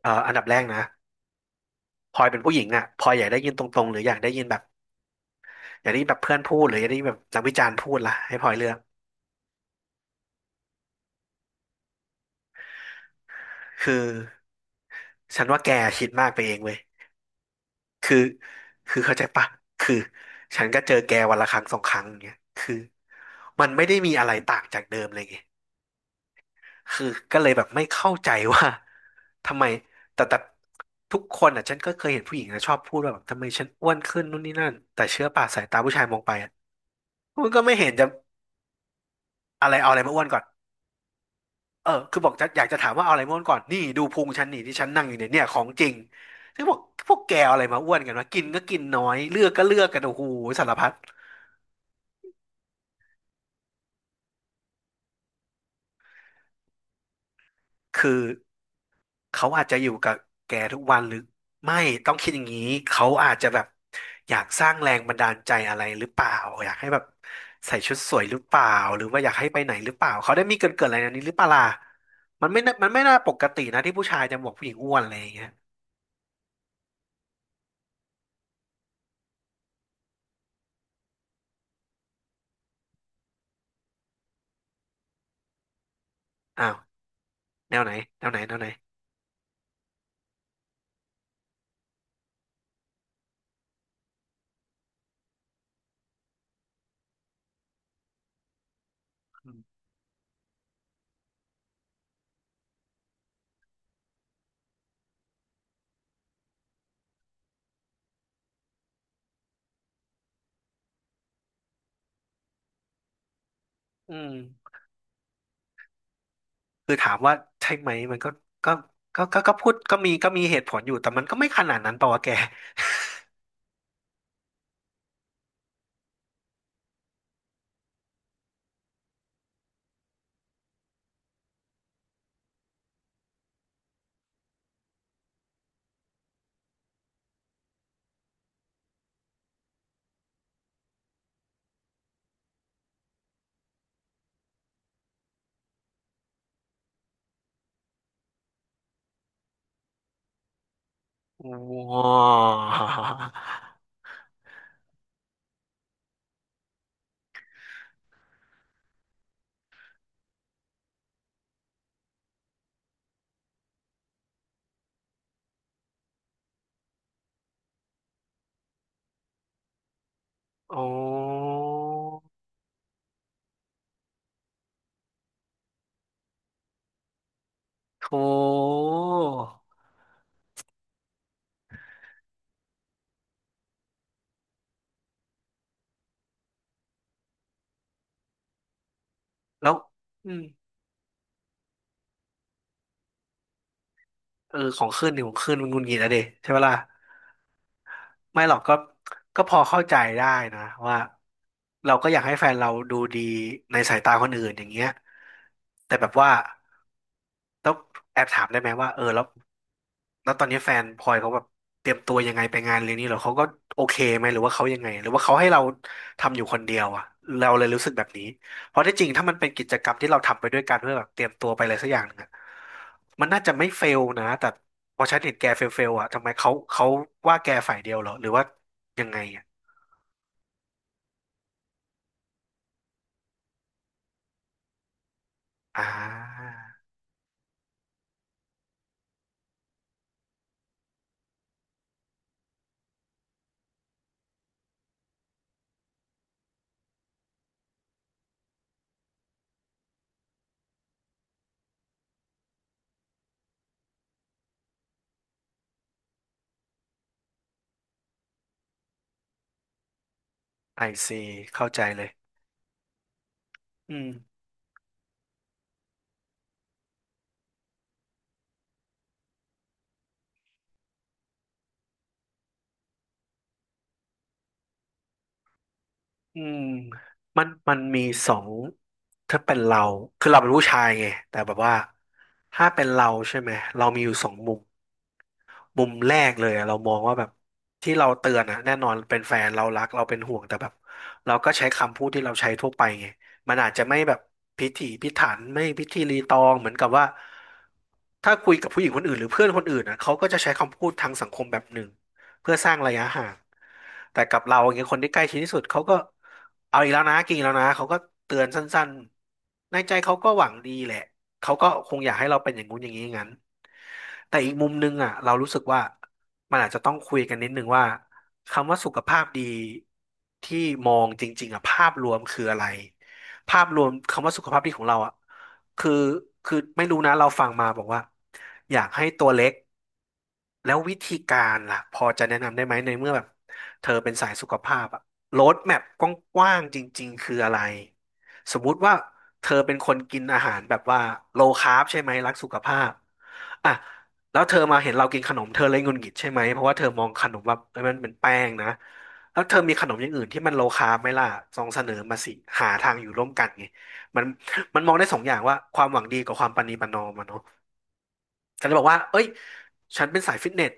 อันดับแรกนะพลอยเป็นผู้หญิงอ่ะพลอยอยากได้ยินตรงๆหรืออยากได้ยินแบบอยากได้ยินแบบเพื่อนพูดหรืออยากได้ยินแบบนักวิจารณ์พูดล่ะให้พลอยเลือกคือฉันว่าแกคิดมากไปเองเว้ยคือคือเข้าใจปะคือฉันก็เจอแกวันละครั้งสองครั้งอย่างเงี้ยคือมันไม่ได้มีอะไรต่างจากเดิมเลยไงคือก็เลยแบบไม่เข้าใจว่า ทำไมแต่ทุกคนอ่ะฉันก็เคยเห็นผู้หญิงนะชอบพูดว่าแบบทำไมฉันอ้วนขึ้นนู่นนี่นั่นแต่เชื่อป่ะสายตาผู้ชายมองไปอ่ะมันก็ไม่เห็นจะ อะไรเอาอะไรมาอ้วนก่อนเออคือบอกจะอยากจะถามว่าเอาอะไรมาอ้วนก่อน นี่ดูพุงฉันนี่ที่ฉันนั่งอยู่เนี่ยเนี่ยของจริงซึ่งบอกพวกแกเอาอะไรมาอ้วนกันวะกินก็กินน้อยเลือกก็เลือกกันโอ้โหสารพัดคือเขาอาจจะอยู่กับแกทุกวันหรือไม่ต้องคิดอย่างนี้เขาอาจจะแบบอยากสร้างแรงบันดาลใจอะไรหรือเปล่าอยากให้แบบใส่ชุดสวยหรือเปล่าหรือว่าอยากให้ไปไหนหรือเปล่าเขาได้มีเกินอะไรในนี้หรือเปล่าล่ะมันไม่น่าปกตินะที่ผู้ชายจะบอกผู้หญิงอ้วนอะไรอย่างเงี้ยอ้าว แนวไหนแนวไหนอืมคือถามว่าใช่ไหมมันก็ก็ก็พูดก็มีเหตุผลอยู่แต่มันก็ไม่ขนาดนั้นเปล่าวะแกว้าวโอ้โถแล้วอืมเออของขึ้นนี่ของขึ้นมันหงุนงิดอะเดใช่ปะล่ะไม่หรอกก็ก็พอเข้าใจได้นะว่าเราก็อยากให้แฟนเราดูดีในสายตาคนอื่นอย่างเงี้ยแต่แบบว่าต้องแอบถามได้ไหมว่าเออแล้ว แล้วตอนนี้แฟนพลอยเขาแบบเตรียมตัวยังไงไปงานเลี้ยงนี้เหรอเขาก็โอเคไหมหรือว่าเขายังไงหรือว่าเขาให้เราทำอยู่คนเดียวอ่ะเราเลยรู้สึกแบบนี้เพราะที่จริงถ้ามันเป็นกิจกรรมที่เราทำไปด้วยกันเพื่อแบบเตรียมตัวไปอะไรสักอย่างหนึงอะมันน่าจะไม่เฟลนะแต่พอฉันเห็นแกเฟลอ่ะทำไมเขาว่าแกฝ่ายเดียวเหรอหรือว่ายังไงอ่ะอ่าไอซีเข้าใจเลยอืม อืมมันมีสองถ้าเป็นเราคือเราเป็นผู้ชายไงแต่แบบว่าถ้าเป็นเราใช่ไหมเรามีอยู่สองมุม มุมแรกเลยอะเรามองว่าแบบที่เราเตือนอะแน่นอนเป็นแฟนเรารักเราเป็นห่วงแต่แบบเราก็ใช้คำพูดที่เราใช้ทั่วไปไงมันอาจจะไม่แบบพิถีพิถันไม่พิธีรีตองเหมือนกับว่าถ้าคุยกับผู้หญิงคนอื่นหรือเพื่อนคนอื่นอะเขาก็จะใช้คำพูดทางสังคมแบบหนึ่งเพื่อสร้างระยะห่างแต่กับเราอย่างเงี้ยคนที่ใกล้ชิดที่สุดเขาก็เอาอีกแล้วนะกินอีกแล้วนะเขาก็เตือนสั้นๆในใจเขาก็หวังดีแหละ เขาก็คงอยากให้เราเป็นอย่างงู้นอย่างนี้อย่างนั้นแต่อีกมุมนึงอ่ะเรารู้สึกว่ามันอาจจะต้องคุยกันนิดนึงว่าคำว่าสุขภาพดีที่มองจริงๆอ่ะภาพรวมคืออะไรภาพรวมคำว่าสุขภาพดีของเราอ่ะคือคือไม่รู้นะเราฟังมาบอกว่าอยากให้ตัวเล็กแล้ววิธีการล่ะพอจะแนะนำได้ไหมในเมื่อแบบเธอเป็นสายสุขภาพอะโรดแมพกว้างๆจริงๆคืออะไรสมมุติว่า เธอเป็นคนกินอาหารแบบว่าโลคาร์บใช่ไหมรักสุขภาพอ่ะแล้วเธอมาเห็นเรากินขนมเธอเลยหงุดหงิดใช่ไหมเพราะว่าเธอมองขนมว่าเอ้ยมันเป็นแป้งนะแล้วเธอมีขนมอย่างอื่นที่มันโลคาร์บไหมล่ะลองเสนอมาสิหาทางอยู่ร่วมกันไงมันมันมองได้สองอย่างว่าความหวังดีกับความประนีประนอมอะเนาะ ก็จะบอกว่า เอ้ยฉันเป็นสายฟิตเนส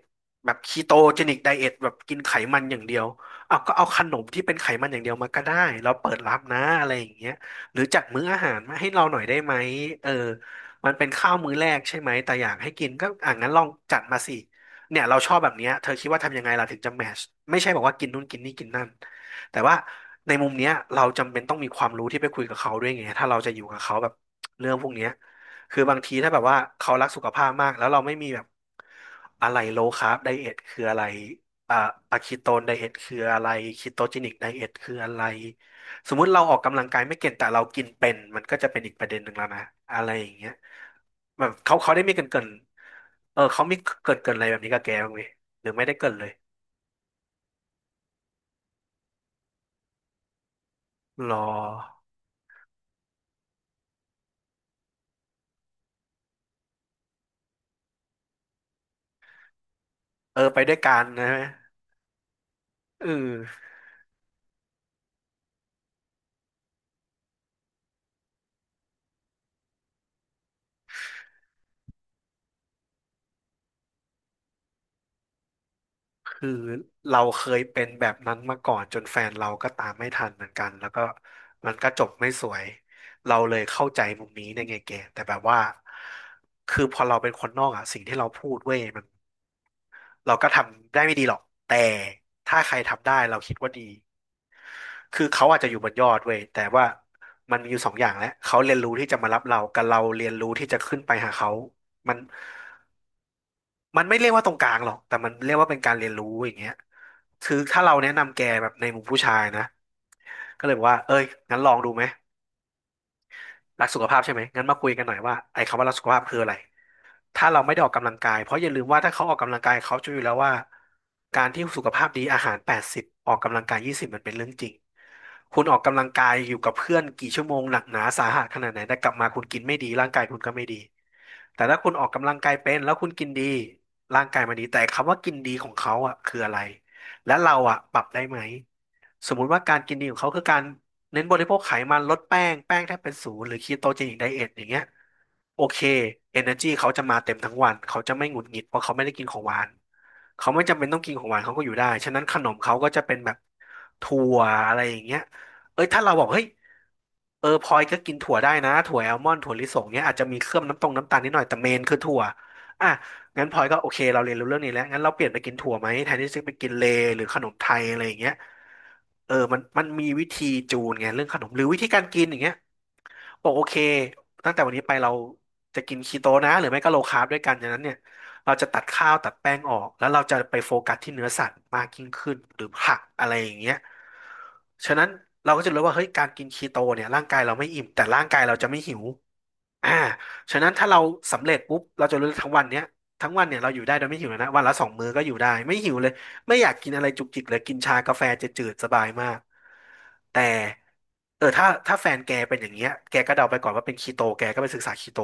แบบคีโตเจนิกไดเอทแบบกินไขมันอย่างเดียว เอาวก็เอาขนมที่เป็นไขมันอย่างเดียวมาก็ได้ เราเปิดรับนะอะไรอย่างเงี้ยหรือจัดมื้ออาหารมาให้เราหน่อยได้ไหมเออมันเป็นข้าวมื้อแรกใช่ไหม แต่อยากให้กินก็อ่ะงั้นลองจัดมาสิ เนี่ยเราชอบแบบเนี้ยเธอคิดว่าทำยังไงล่ะถึงจะแมชไม่ใช่บอกว่ากินนู่นกินนี่กินนั่นแต่ว่าในมุมเนี้ยเราจำเป็นต้องมีความรู้ที่ไปคุยกับเขาด้วยไงถ้าเราจะอยู่กับเขาแบบเรื่องพวกเนี้ย คือบางทีถ้าแบบว่าเขารักสุขภาพมากแล้วเราไม่มีแบบอะไรโลคาร์บไดเอทคืออะไรอ่าอะคีโตนไดเอทคืออะไรคีโตจินิกไดเอทคืออะไรสมมุติเราออกกำลังกายไม่เก่งแต่เรากินเป็นมันก็จะเป็นอีกประเด็นหนึ่งแล้วนะอะไรอย่างเงี้ยแบบเขาได้มีเกรินเกินเออเขามีเกรินเกินอะไรแบบนี้กับแกบ้างไหมหรือไม่ได้เกรินเลยรอเออไปด้วยกันนะเออ คือเราเคยเป็นแบบนั้นมาก่อนจนแฟนเราก็ตามไม่ทันเหมือนกันแล้วก็มันก็จบไม่สวยเราเลยเข้าใจมุมนี้ในไงแกแต่แบบว่าคือพอเราเป็นคนนอกอ่ะสิ่งที่เราพูดเว้ยมันเราก็ทำได้ไม่ดีหรอกแต่ถ้าใครทำได้เราคิดว่าดีคือเขาอาจจะอยู่บนยอดเว้ยแต่ว่ามันมีอยู่สองอย่างแหละเขาเรียนรู้ที่จะมารับเรากับเราเรียนรู้ที่จะขึ้นไปหาเขามัน มันไม่เรียกว่าตรงกลางหรอกแต่มันเรียกว่าเป็นการเรียนรู้อย่างเงี้ยคือถ้าเราแนะนำแกแบบในมุมผู้ชายนะก็เลยบอกว่าเอ้ยงั้นลองดูไหมรักสุขภาพใช่ไหมงั้นมาคุยกันหน่อยว่าไอ้คำว่ารักสุขภาพคืออะไรถ้าเราไม่ได้ออกกำลังกายเพราะอย่าลืมว่าถ้าเขาออกกำลังกายเขาจะรู้อยู่แล้วว่าการที่สุขภาพดีอาหาร80ออกกำลังกาย20มันเป็นเรื่องจริง คุณออกกำลังกายอยู่กับเพื่อนกี่ชั่วโมงหนักหนาสาหัสขนาดไหนแต่กลับมาคุณกินไม่ดีร่างกายคุณก็ไม่ดี แต่ถ้าคุณออกกำลังกายเป็นแล้วคุณกินดีร่างกายมันดี แต่คำว่ากินดีของเขาอ่ะคืออะไร และเราอ่ะปรับได้ไหม สมมุติว่าการกินดีของเขาคือการเน้นบริโภคไขมันลดแป้งแป้งแทบเป็นศูนย์หรือคีโตเจนิกไดเอทอย่างเงี้ยโอเค Energy เขาจะมาเต็มทั้งวันเขาจะไม่หงุดหงิดเพราะเขาไม่ได้กินของหวานเขาไม่จำเป็นต้องกินของหวานเขาก็อยู่ได้ฉะนั้นขนมเขาก็จะเป็นแบบถั่วอะไรอย่างเงี้ย เอ้ยถ้าเราบอกเฮ้ยเออพลอยก็กินถั่วได้นะถั่วแอลมอนด์ถั่วลิสงเนี้ยอาจจะมีเคลือบน้ำตรงน้ำตาลนิดหน่อยแต่เมนคือถั่วอ่ะงั้นพลอยก็โอเคเราเรียนรู้เรื่องนี้แล้วงั้นเราเปลี่ยนไปกินถั่วไหมแทนที่จะไปกินเลหรือขนมไทยอะไรอย่างเงี้ยเออมันมีวิธีจูนไงเรื่องขนมหรือวิธีการกินอย่างเงี้ย บอกโอเคตั้งแต่วันนี้ไปเราจะกินคีโตนะหรือไม่ก็โลคาร์บด้วยกันอย่างนั้นเนี่ยเราจะตัดข้าวตัดแป้งออกแล้วเราจะไปโฟกัสที่เนื้อสัตว์มากยิ่งขึ้นหรือผักอะไรอย่างเงี้ยฉะนั้นเราก็จะรู้ว่าเฮ้ยการกินคีโตเนี่ยร่างกายเราไม่อิ่มแต่ร่างกายเราจะไม่หิวอ่าฉะนั้นถ้าเราสำเร็จปุ๊บเราจะรู้ทั้งวันเนี้ยทั้งวันเนี่ยเราอยู่ได้โดยไม่หิวเลยนะวันละ2 มื้อก็อยู่ได้ไม่หิวเลย ไม่อยากกินอะไรจุกจิกเลยกินชากาแฟจะจืดสบายมากแต่เออถ้าแฟนแกเป็นอย่างเงี้ยแกก็เดาไปก่อนว่าเป็นคีโตแกก็ไปศึกษาคีโต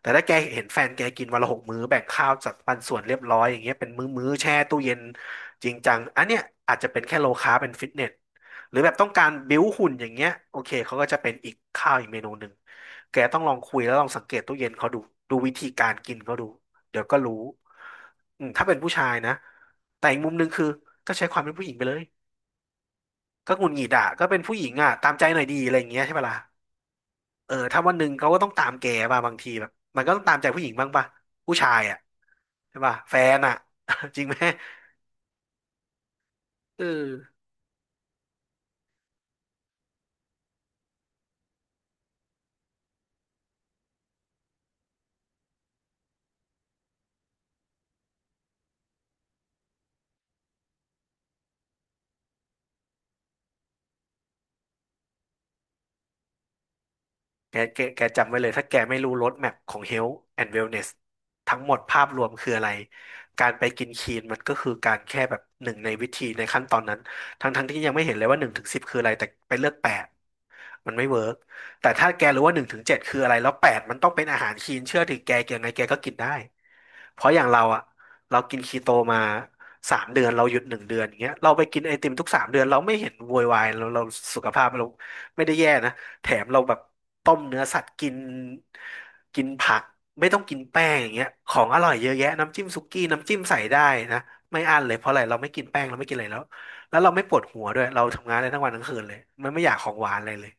แต่ถ้าแกเห็นแฟนแกกินวันละ6 มื้อแบ่งข้าวจัดปันส่วนเรียบร้อยอย่างเงี้ยเป็นมื้อมื้อแช่ตู้เย็นจริงจังอันเนี้ยอาจจะเป็นแค่โลคาร์บเป็นฟิตเนสหรือแบบต้องการบิ้วหุ่นอย่างเงี้ยโอเคเขาก็จะเป็นอีกข้าวอีกเมนูหนึ่งแกต้องลองคุยแล้วลองสังเกตตู้เย็นเขาดูดูวิธีการกินเขาดู เดี๋ยวก็รู้อืมถ้าเป็นผู้ชายนะแต่อีกมุมหนึ่งคือก็ใช้ความเป็นผู้หญิงไปเลยก็หงุดหงิดอ่ะก็เป็นผู้หญิงอ่ะตามใจหน่อยดีอะไรอย่างเงี้ยใช่ปะล่ะเออถ้าวันหนึ่งเขาก็ต้องตามแกป่ะบางทีแบบมันก็ต้องตามใจผู้หญิงบ้างป่ะผู้ชายอ่ะใช่ป่ะแฟนอ่ะ จริงไหมเออ แกจำไว้เลยถ้าแกไม่รู้ร o ดแม p ของ Health and Wellness ทั้งหมดภาพรวมคืออะไรการไปกินคีนมันก็คือการแค่แบบหนึ่งในวิธีในขั้นตอนนั้นทั้งที่ยังไม่เห็นเลยว่าหนึ่งถึงสิบคืออะไรแต่ไปเลือกแปดมันไม่เวิร์กแต่ถ้าแกรู้ว่าหนึ่งถึงเจ็ดคืออะไรแล้วแปดมันต้องเป็นอาหารคีนเชื่อถือแกยังไงแกก็กินได้เพราะอย่างเราอะเรากินคีโตมาสามเดือนเราหยุดหนึ่งเดือนอย่างเงี้ยเราไปกินไอติมทุกสามเดือนเราไม่เห็นโวยวายเราสุขภาพเราไม่ได้แย่นะ แถมเราแบบต้มเนื้อสัตว์กินกินผักไม่ต้องกินแป้งอย่างเงี้ยของอร่อยเยอะแยะน้ำจิ้มสุกี้น้ำจิ้มใส่ได้นะไม่อั้นเลยเพราะอะไรเราไม่กินแป้งเราไม่กินอะไรแล้วแล้วเราไม่ปวดหัวด้วยเราทำงานได้ทั้งวันทั้งคืนเลยมันไม่อยากของหวานอะไรเลย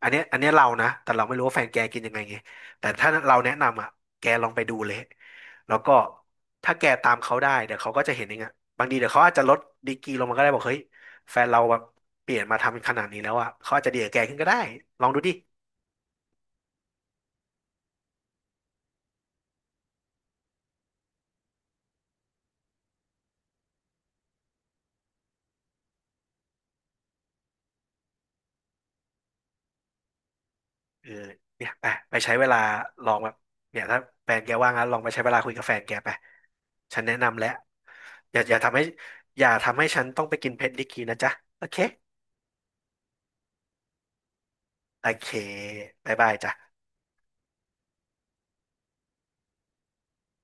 อันเนี้ยเรานะแต่เราไม่รู้ว่าแฟนแกกินยังไงไงแต่ถ้าเราแนะนำอ่ะแกลองไปดูเลยแล้วก็ถ้าแกตามเขาได้เดี๋ยวเขาก็จะเห็นเองอ่ะบางทีเดี๋ยวเขาอาจจะลดดีกรีลงมาก็ได้บอกเฮ้ยแฟนเราแบบ เปลี่ยนมาทำขนาดนี้แล้วอ่ะเขาอาจจะดีกับแกขึ้นก็ได้ ลองดูดิเออเนี่ยไปไปใช้เวลาลองแบบเนี่ยถ้าแฟนแกว่างนะลองไปใช้เวลาคุยกับแฟนแกไป ฉันแนะนำแล้ว อย่าอย่าทำให้อย่าทำให้ฉันต้องไปกินเพชรดิกีนะจ๊ะ โอเคโอเคบ๊ายบายจ้ะ